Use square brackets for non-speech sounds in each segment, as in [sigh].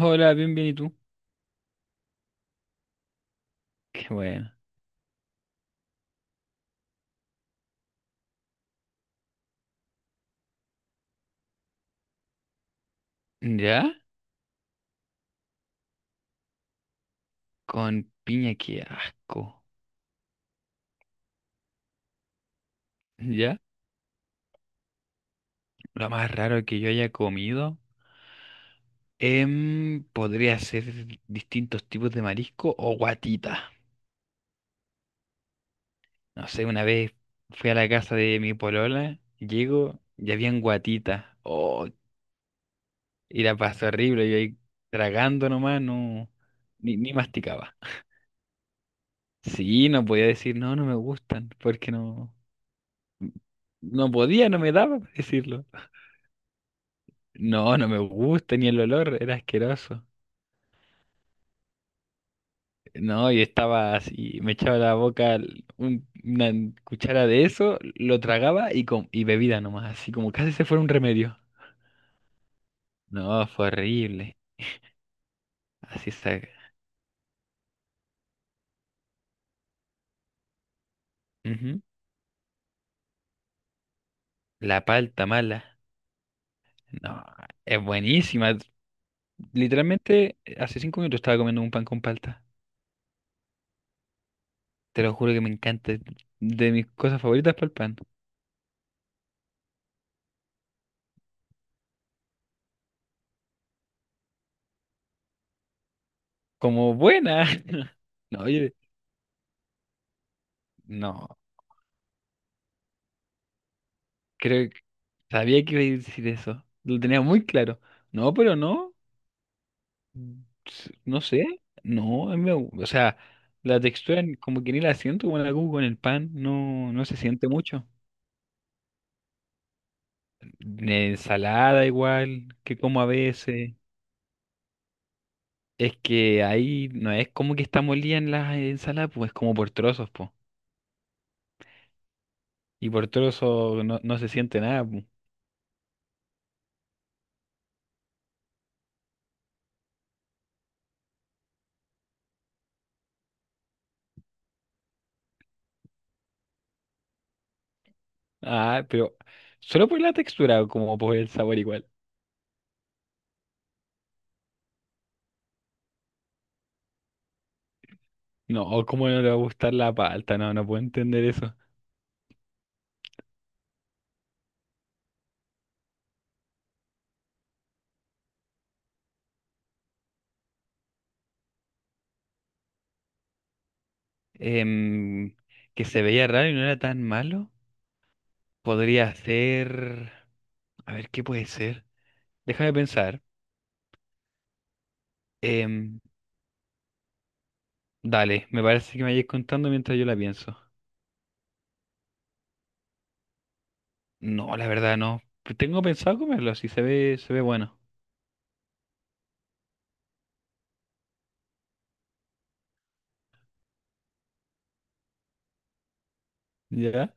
Hola, bien, bien, ¿y tú? Qué bueno. ¿Ya? Con piña, qué asco. ¿Ya? Lo más raro que yo haya comido podría ser distintos tipos de marisco o guatita. No sé, una vez fui a la casa de mi polola, llego y habían guatita. Oh, y la pasé horrible, yo ahí tragando nomás, no, ni masticaba. Sí, no podía decir, no, no me gustan, porque no, no podía, no me daba para decirlo. No, no me gusta ni el olor, era asqueroso. No, y estaba así, me echaba a la boca una cuchara de eso, lo tragaba y, y bebida nomás, así como casi se fuera un remedio. No, fue horrible. Así está. Ujú. La palta mala. No, es buenísima. Literalmente, hace 5 minutos estaba comiendo un pan con palta. Te lo juro que me encanta. Es de mis cosas favoritas para el pan. Como buena. [laughs] No, oye, no. Creo que sabía que iba a decir eso. Lo tenía muy claro. No, pero no. No sé. No, a mí o sea, la textura, como que ni la siento como la hago con el pan. No, no se siente mucho. La ensalada igual, que como a veces. Es que ahí no es como que está molida en las ensaladas, pues es como por trozos, pues. Y por trozos no, no se siente nada, pues. Ah, pero solo por la textura, como por el sabor igual. No, ¿cómo no le va a gustar la palta? No, no puedo entender eso. Em, que se veía raro y no era tan malo. Podría ser... A ver, ¿qué puede ser? Déjame pensar. Em, dale, me parece que me vayas contando mientras yo la pienso. No, la verdad no. Pues tengo pensado comerlo, si se ve, se ve bueno. ¿Ya?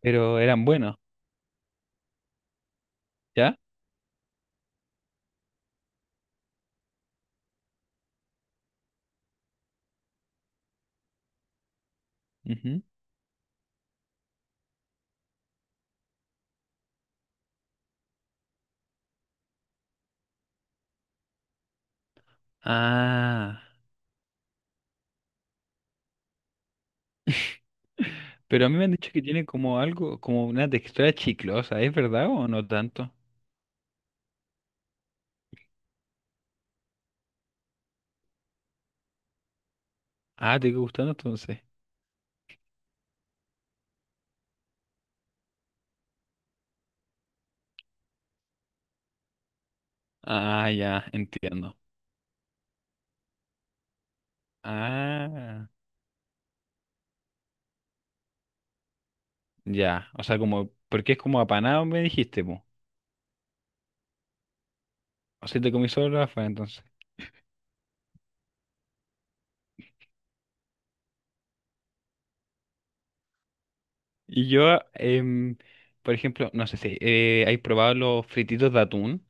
Pero eran buenos, ¿ya? Ujú. Ah. [laughs] Pero a mí me han dicho que tiene como algo, como una textura chiclosa, ¿es verdad o no tanto? Ah, ¿te quedó gustando entonces? Ah, ya, entiendo. Ah, ya. O sea, como, porque es como apanado, me dijiste, po. O sea, te comí solo la fa, entonces. Y yo, por ejemplo, no sé si ¿hay probado los frititos de atún?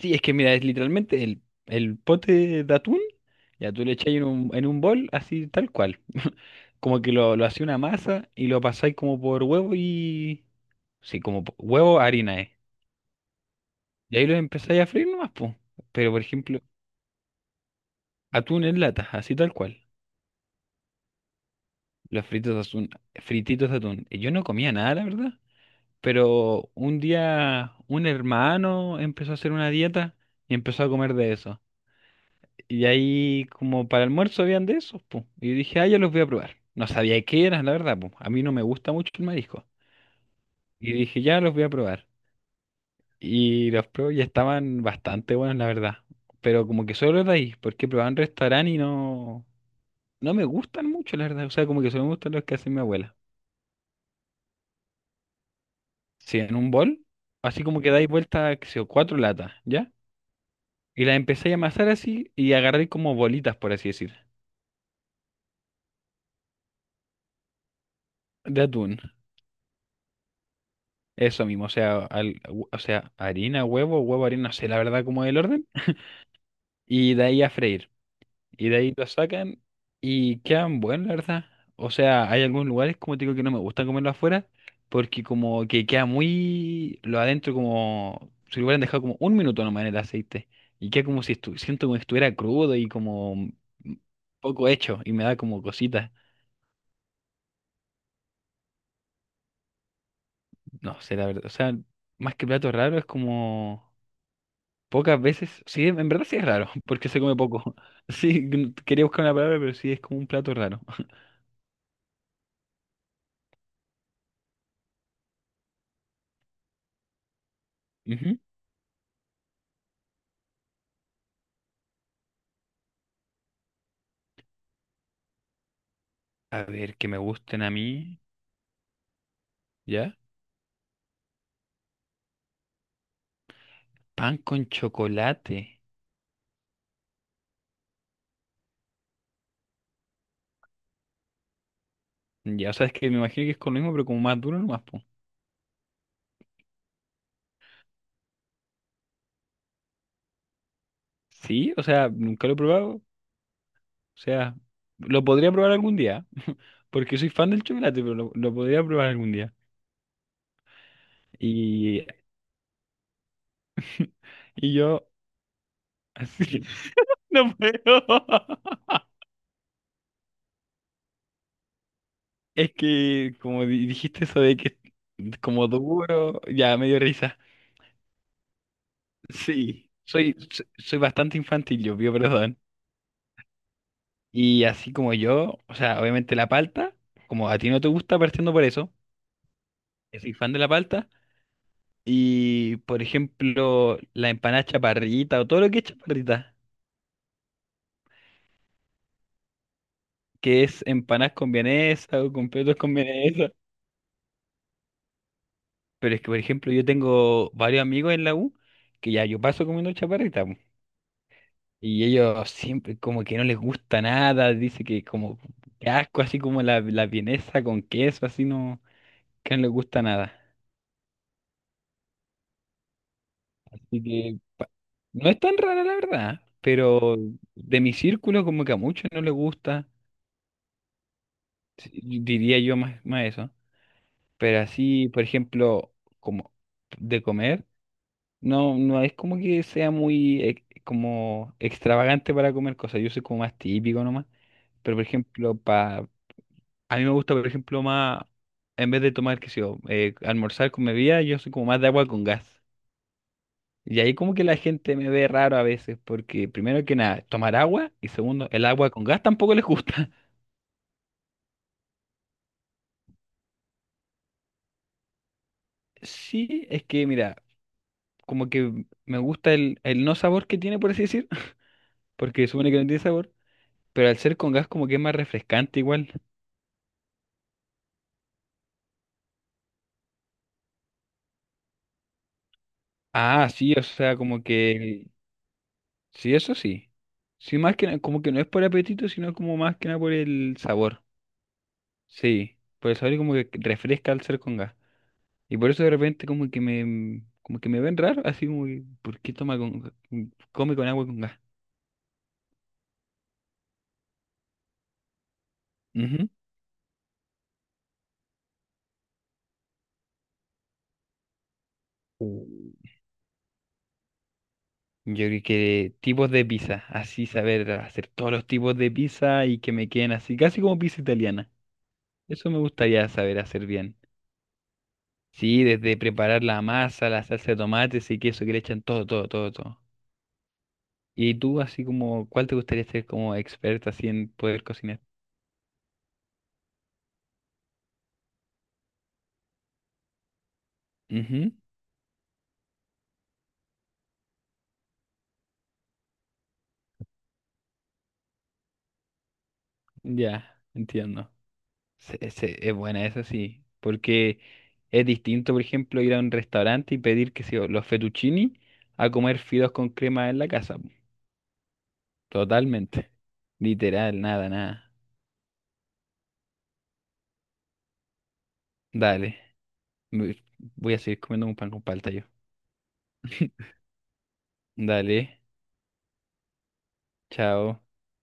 Sí, es que mira, es literalmente el pote de atún. Ya tú le echáis en un bol, así tal cual. [laughs] Como que lo hacía una masa y lo pasáis como por huevo y. Sí, como huevo, harina, Y ahí lo empezáis a freír nomás, po. Pero por ejemplo. Atún en lata, así tal cual. Los fritos de atún, frititos de atún. Y yo no comía nada, la verdad. Pero un día un hermano empezó a hacer una dieta y empezó a comer de eso. Y ahí como para almuerzo habían de esos, po. Y dije, ah, ya los voy a probar. No sabía qué eran, la verdad, po. A mí no me gusta mucho el marisco. Y dije, ya los voy a probar. Y los probé y estaban bastante buenos, la verdad. Pero como que solo de ahí, porque probaba en restaurante y no, no me gustan mucho, la verdad. O sea, como que solo me gustan los que hace mi abuela. Sí, en un bol, así como que dais vuelta, qué sé yo, 4 latas, ¿ya? Y las empecé a amasar así y agarré como bolitas, por así decir, de atún. Eso mismo, o sea, o sea, harina, huevo, huevo, harina, no sé la verdad cómo es el orden. Y de ahí a freír. Y de ahí lo sacan y quedan buenos, la verdad. O sea, hay algunos lugares, como te digo, que no me gusta comerlo afuera, porque como que queda muy lo adentro, como si lo hubieran dejado como un minuto nomás en el aceite. Y queda como si siento como si estuviera crudo y como poco hecho, y me da como cositas. No sé, la verdad. O sea, más que plato raro, es como pocas veces. Sí, en verdad sí es raro, [laughs] porque se come poco. [laughs] Sí, quería buscar una palabra, pero sí es como un plato raro. [laughs] Ujú. A ver, que me gusten a mí. ¿Ya? Pan con chocolate. Ya, o sea, es que me imagino que es con lo mismo, pero como más duro nomás, po. Sí, o sea, nunca lo he probado. O sea, lo podría probar algún día, [laughs] porque soy fan del chocolate, pero lo podría probar algún día. Y, [laughs] y yo, así, [laughs] no puedo. [laughs] Es que, como dijiste eso de que es como duro, ya me dio risa. Sí, soy bastante infantil, yo pido perdón. Y así como yo, o sea, obviamente la palta, como a ti no te gusta, partiendo por eso, que soy fan de la palta. Y por ejemplo, la empanada chaparrita o todo lo que es chaparrita, que es empanadas con vienesa o completos con vienesa. Pero es que, por ejemplo, yo tengo varios amigos en la U que ya yo paso comiendo chaparrita, po. Y ellos siempre como que no les gusta nada, dice que como que asco, así como la vienesa con queso, así no, que no les gusta nada. Así que no es tan rara la verdad, pero de mi círculo como que a muchos no les gusta, sí, diría yo más, más eso. Pero así, por ejemplo, como de comer, no, no es como que sea muy como extravagante para comer cosas. Yo soy como más típico nomás. Pero por ejemplo, pa, a mí me gusta, por ejemplo, más, en vez de tomar, qué sé yo, almorzar con bebida, yo soy como más de agua con gas. Y ahí como que la gente me ve raro a veces, porque primero que nada, tomar agua y segundo, el agua con gas tampoco les gusta. [laughs] Sí, es que mira, como que me gusta el no sabor que tiene, por así decir, [laughs] porque supone que no tiene sabor, pero al ser con gas como que es más refrescante igual. Ah, sí, o sea, como que sí, eso sí. Sí, más que como que no es por apetito, sino como más que nada por el sabor. Sí, por el sabor y como que refresca al ser con gas. Y por eso de repente como que me ven raro, así como que, ¿por qué toma con, come con agua con gas? Ujú. Uh, Yo creo que tipos de pizza, así saber hacer todos los tipos de pizza y que me queden así, casi como pizza italiana. Eso me gustaría saber hacer bien. Sí, desde preparar la masa, la salsa de tomates y queso que le echan todo, todo, todo, todo. Y tú, así como, ¿cuál te gustaría ser como experta así en poder cocinar? Ujú, ya, entiendo. Es buena esa sí, porque es distinto, por ejemplo, ir a un restaurante y pedir, que sé yo, los fettuccini a comer fideos con crema en la casa, po. Totalmente. Literal, nada, nada. Dale. Me-, voy a seguir comiendo un pan con palta yo. Dale. Chao.